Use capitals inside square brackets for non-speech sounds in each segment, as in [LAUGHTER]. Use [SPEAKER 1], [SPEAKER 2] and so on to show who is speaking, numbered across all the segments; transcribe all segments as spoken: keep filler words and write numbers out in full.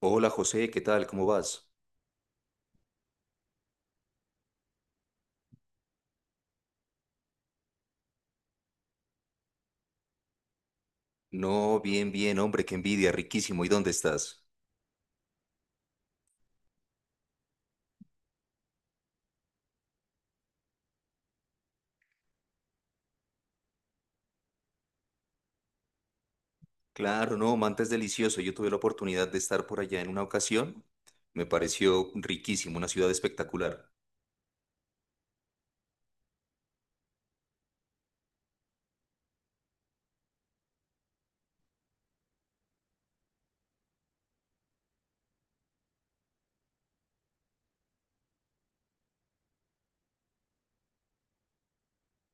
[SPEAKER 1] Hola José, ¿qué tal? ¿Cómo vas? No, bien, bien, hombre, qué envidia, riquísimo. ¿Y dónde estás? Claro, no, Manta es delicioso. Yo tuve la oportunidad de estar por allá en una ocasión. Me pareció riquísimo, una ciudad espectacular.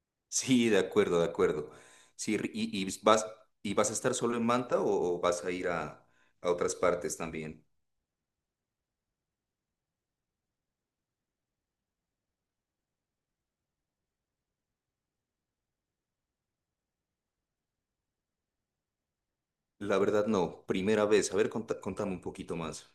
[SPEAKER 1] [LAUGHS] Sí, de acuerdo, de acuerdo. Sí, ri- y, y vas, ¿Y vas a estar solo en Manta o, o vas a ir a, a otras partes también? La verdad, no, primera vez. A ver, conta- contame un poquito más.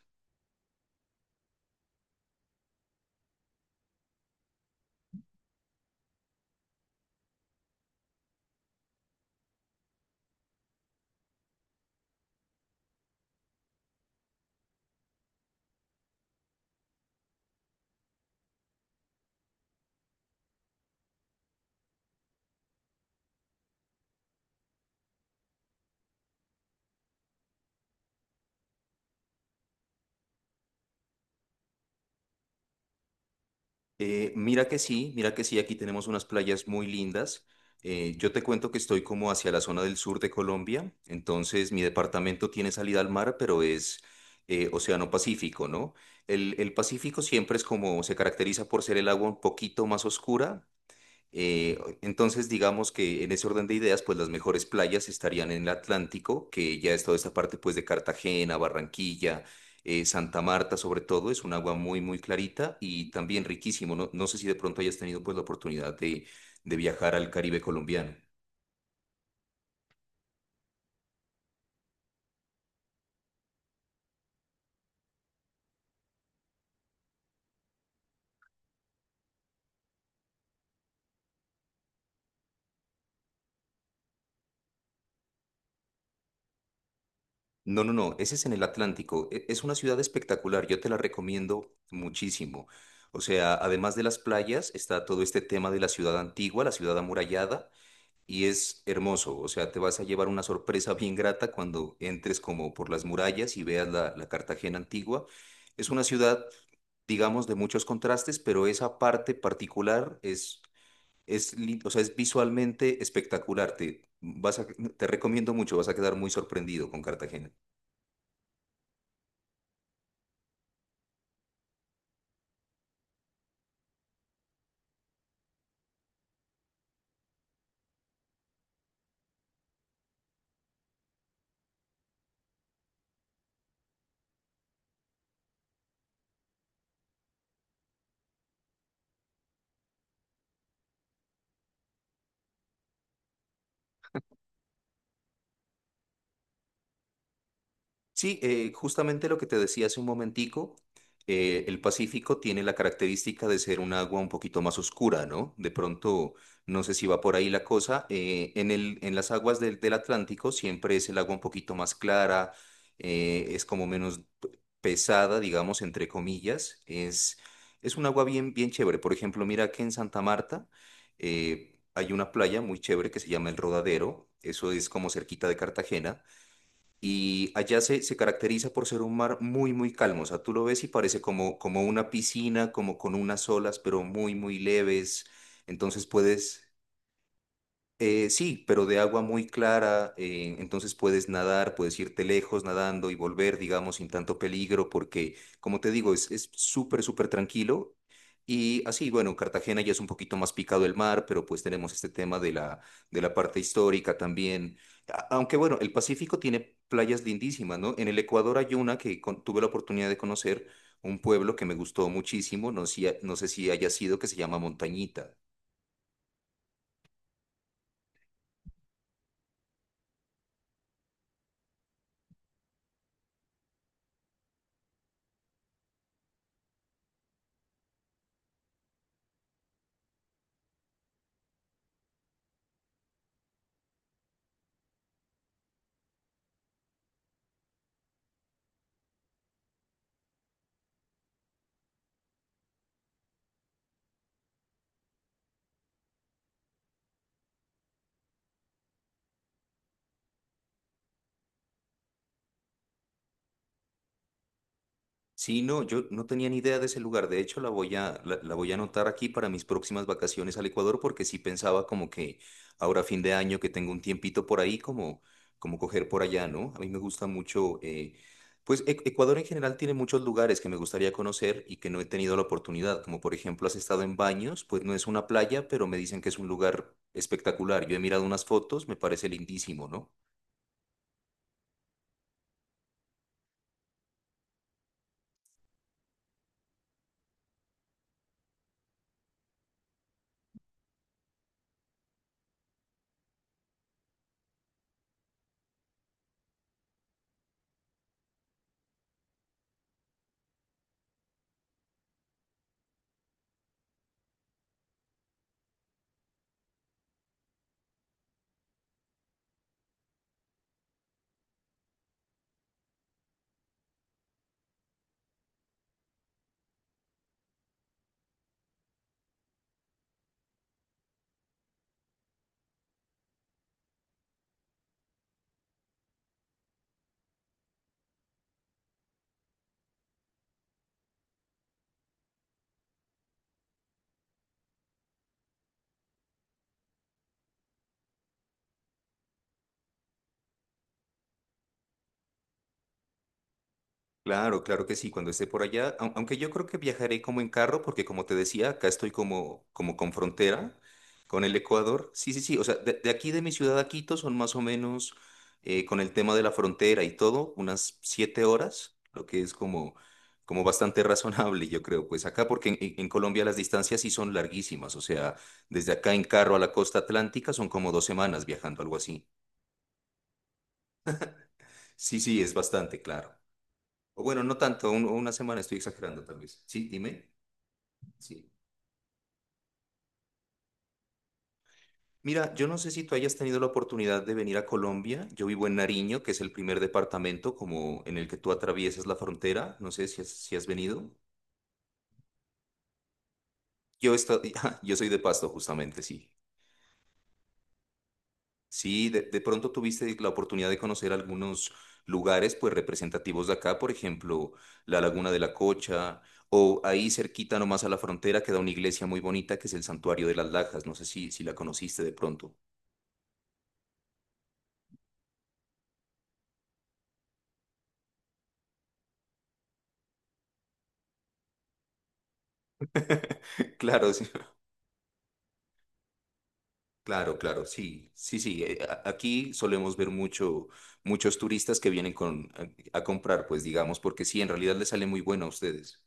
[SPEAKER 1] Eh, mira que sí, mira que sí, aquí tenemos unas playas muy lindas. Eh, yo te cuento que estoy como hacia la zona del sur de Colombia, entonces mi departamento tiene salida al mar, pero es eh, Océano Pacífico, ¿no? El, el Pacífico siempre es como, se caracteriza por ser el agua un poquito más oscura, eh, entonces, digamos que en ese orden de ideas, pues las mejores playas estarían en el Atlántico, que ya es toda esta parte pues de Cartagena, Barranquilla, eh, Santa Marta sobre todo, es un agua muy, muy clarita y también riquísimo. No, no sé si de pronto hayas tenido pues la oportunidad de, de viajar al Caribe colombiano. No, no, no, ese es en el Atlántico. E- Es una ciudad espectacular, yo te la recomiendo muchísimo. O sea, además de las playas, está todo este tema de la ciudad antigua, la ciudad amurallada. Y es hermoso, o sea, te vas a llevar una sorpresa bien grata cuando entres como por las murallas y veas la, la Cartagena antigua. Es una ciudad, digamos, de muchos contrastes, pero esa parte particular es, es, lin- o sea, es visualmente espectacular. Te, vas a, te recomiendo mucho, vas a quedar muy sorprendido con Cartagena. Sí, eh, justamente lo que te decía hace un momentico, eh, el Pacífico tiene la característica de ser un agua un poquito más oscura, ¿no? De pronto, no sé si va por ahí la cosa, eh, en el, en las aguas del, del Atlántico siempre es el agua un poquito más clara, eh, es como menos p- pesada, digamos, entre comillas, es, es un agua bien, bien chévere. Por ejemplo, mira que en Santa Marta eh, hay una playa muy chévere que se llama El Rodadero, eso es como cerquita de Cartagena. Y allá se, se caracteriza por ser un mar muy, muy calmo. O sea, tú lo ves y parece como, como una piscina, como con unas olas, pero muy, muy leves. Entonces puedes, eh, sí, pero de agua muy clara, eh, entonces puedes nadar, puedes irte lejos nadando y volver, digamos, sin tanto peligro, porque, como te digo, es, es súper, súper tranquilo. Y así, bueno, Cartagena ya es un poquito más picado el mar, pero pues tenemos este tema de la, de la parte histórica también. A- Aunque bueno, el Pacífico tiene playas lindísimas, ¿no? En el Ecuador hay una que con- tuve la oportunidad de conocer, un pueblo que me gustó muchísimo, no, sé si- no sé si haya sido, que se llama Montañita. Sí, no, yo no tenía ni idea de ese lugar. De hecho, la voy a, la, la voy a anotar aquí para mis próximas vacaciones al Ecuador, porque sí pensaba como que ahora fin de año que tengo un tiempito por ahí, como, como coger por allá, ¿no? A mí me gusta mucho, eh, pues E- Ecuador en general tiene muchos lugares que me gustaría conocer y que no he tenido la oportunidad. Como por ejemplo, has estado en Baños, pues no es una playa, pero me dicen que es un lugar espectacular. Yo he mirado unas fotos, me parece lindísimo, ¿no? Claro, claro que sí, cuando esté por allá, au- aunque yo creo que viajaré como en carro, porque como te decía, acá estoy como, como con frontera con el Ecuador. Sí, sí, sí, o sea, de, de aquí de mi ciudad a Quito son más o menos eh, con el tema de la frontera y todo, unas siete horas, lo que es como, como bastante [LAUGHS] razonable, yo creo, pues acá, porque en, en- en Colombia las distancias sí son larguísimas, o sea, desde acá en carro a la costa atlántica son como dos semanas viajando, algo así. Sí, sí, es bastante, claro. O bueno, no tanto, un- una semana estoy exagerando tal vez. Sí, dime. Sí. Mira, yo no sé si tú hayas tenido la oportunidad de venir a Colombia. Yo vivo en Nariño, que es el primer departamento como en el que tú atraviesas la frontera. No sé si has, si has venido. Yo, esto- [LAUGHS] yo soy de Pasto, justamente, sí. Sí, de, de pronto tuviste la oportunidad de conocer algunos lugares pues representativos de acá, por ejemplo, la Laguna de la Cocha, o ahí cerquita nomás a la frontera queda una iglesia muy bonita que es el Santuario de las Lajas. No sé si, si la conociste de pronto. [LAUGHS] Claro, sí, claro, claro, sí, sí, sí. eh, a- Aquí solemos ver mucho, muchos turistas que vienen con, a, a comprar, pues digamos, porque sí, en realidad les sale muy bueno a ustedes.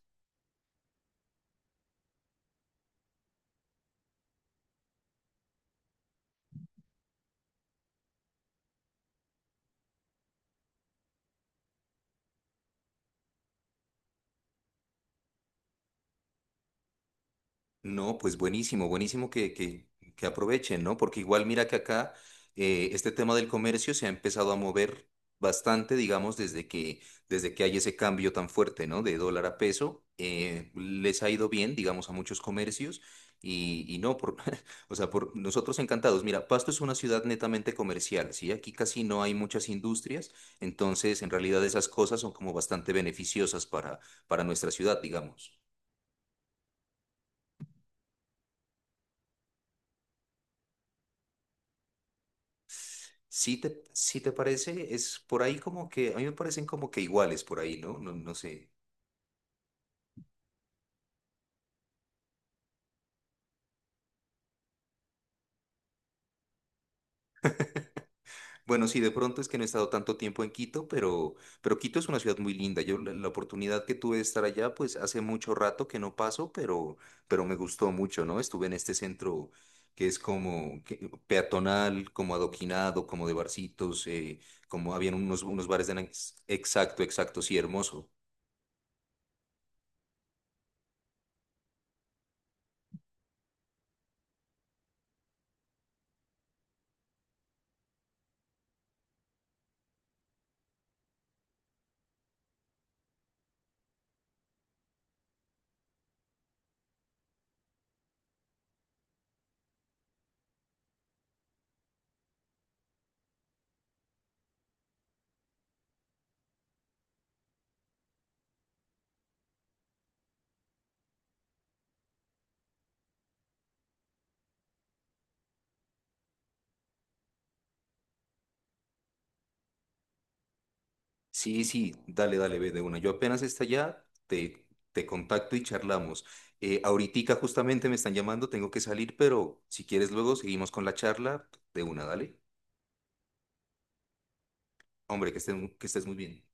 [SPEAKER 1] No, pues buenísimo, buenísimo que, que, que aprovechen, ¿no? Porque igual mira que acá eh, este tema del comercio se ha empezado a mover bastante, digamos, desde que, desde que hay ese cambio tan fuerte, ¿no? De dólar a peso, eh, les ha ido bien, digamos, a muchos comercios y, y no, por, [LAUGHS] o sea, por nosotros encantados. Mira, Pasto es una ciudad netamente comercial, ¿sí? Aquí casi no hay muchas industrias, entonces en realidad esas cosas son como bastante beneficiosas para, para nuestra ciudad, digamos. Si te, si te parece, es por ahí como que, a mí me parecen como que iguales por ahí, ¿no? No, no sé. Bueno, sí, de pronto es que no he estado tanto tiempo en Quito, pero, pero Quito es una ciudad muy linda. Yo la, la oportunidad que tuve de estar allá, pues hace mucho rato que no paso, pero, pero me gustó mucho, ¿no? Estuve en este centro que es como que- peatonal, como adoquinado, como de barcitos, eh, como habían unos, unos bares de... na- Exacto, exacto, sí, hermoso. Sí, sí, dale, dale, ve de una. Yo apenas esté allá, te, te contacto y charlamos. Eh, ahoritica justamente me están llamando, tengo que salir, pero si quieres luego seguimos con la charla de una, dale. Hombre, que estés, que estés muy bien.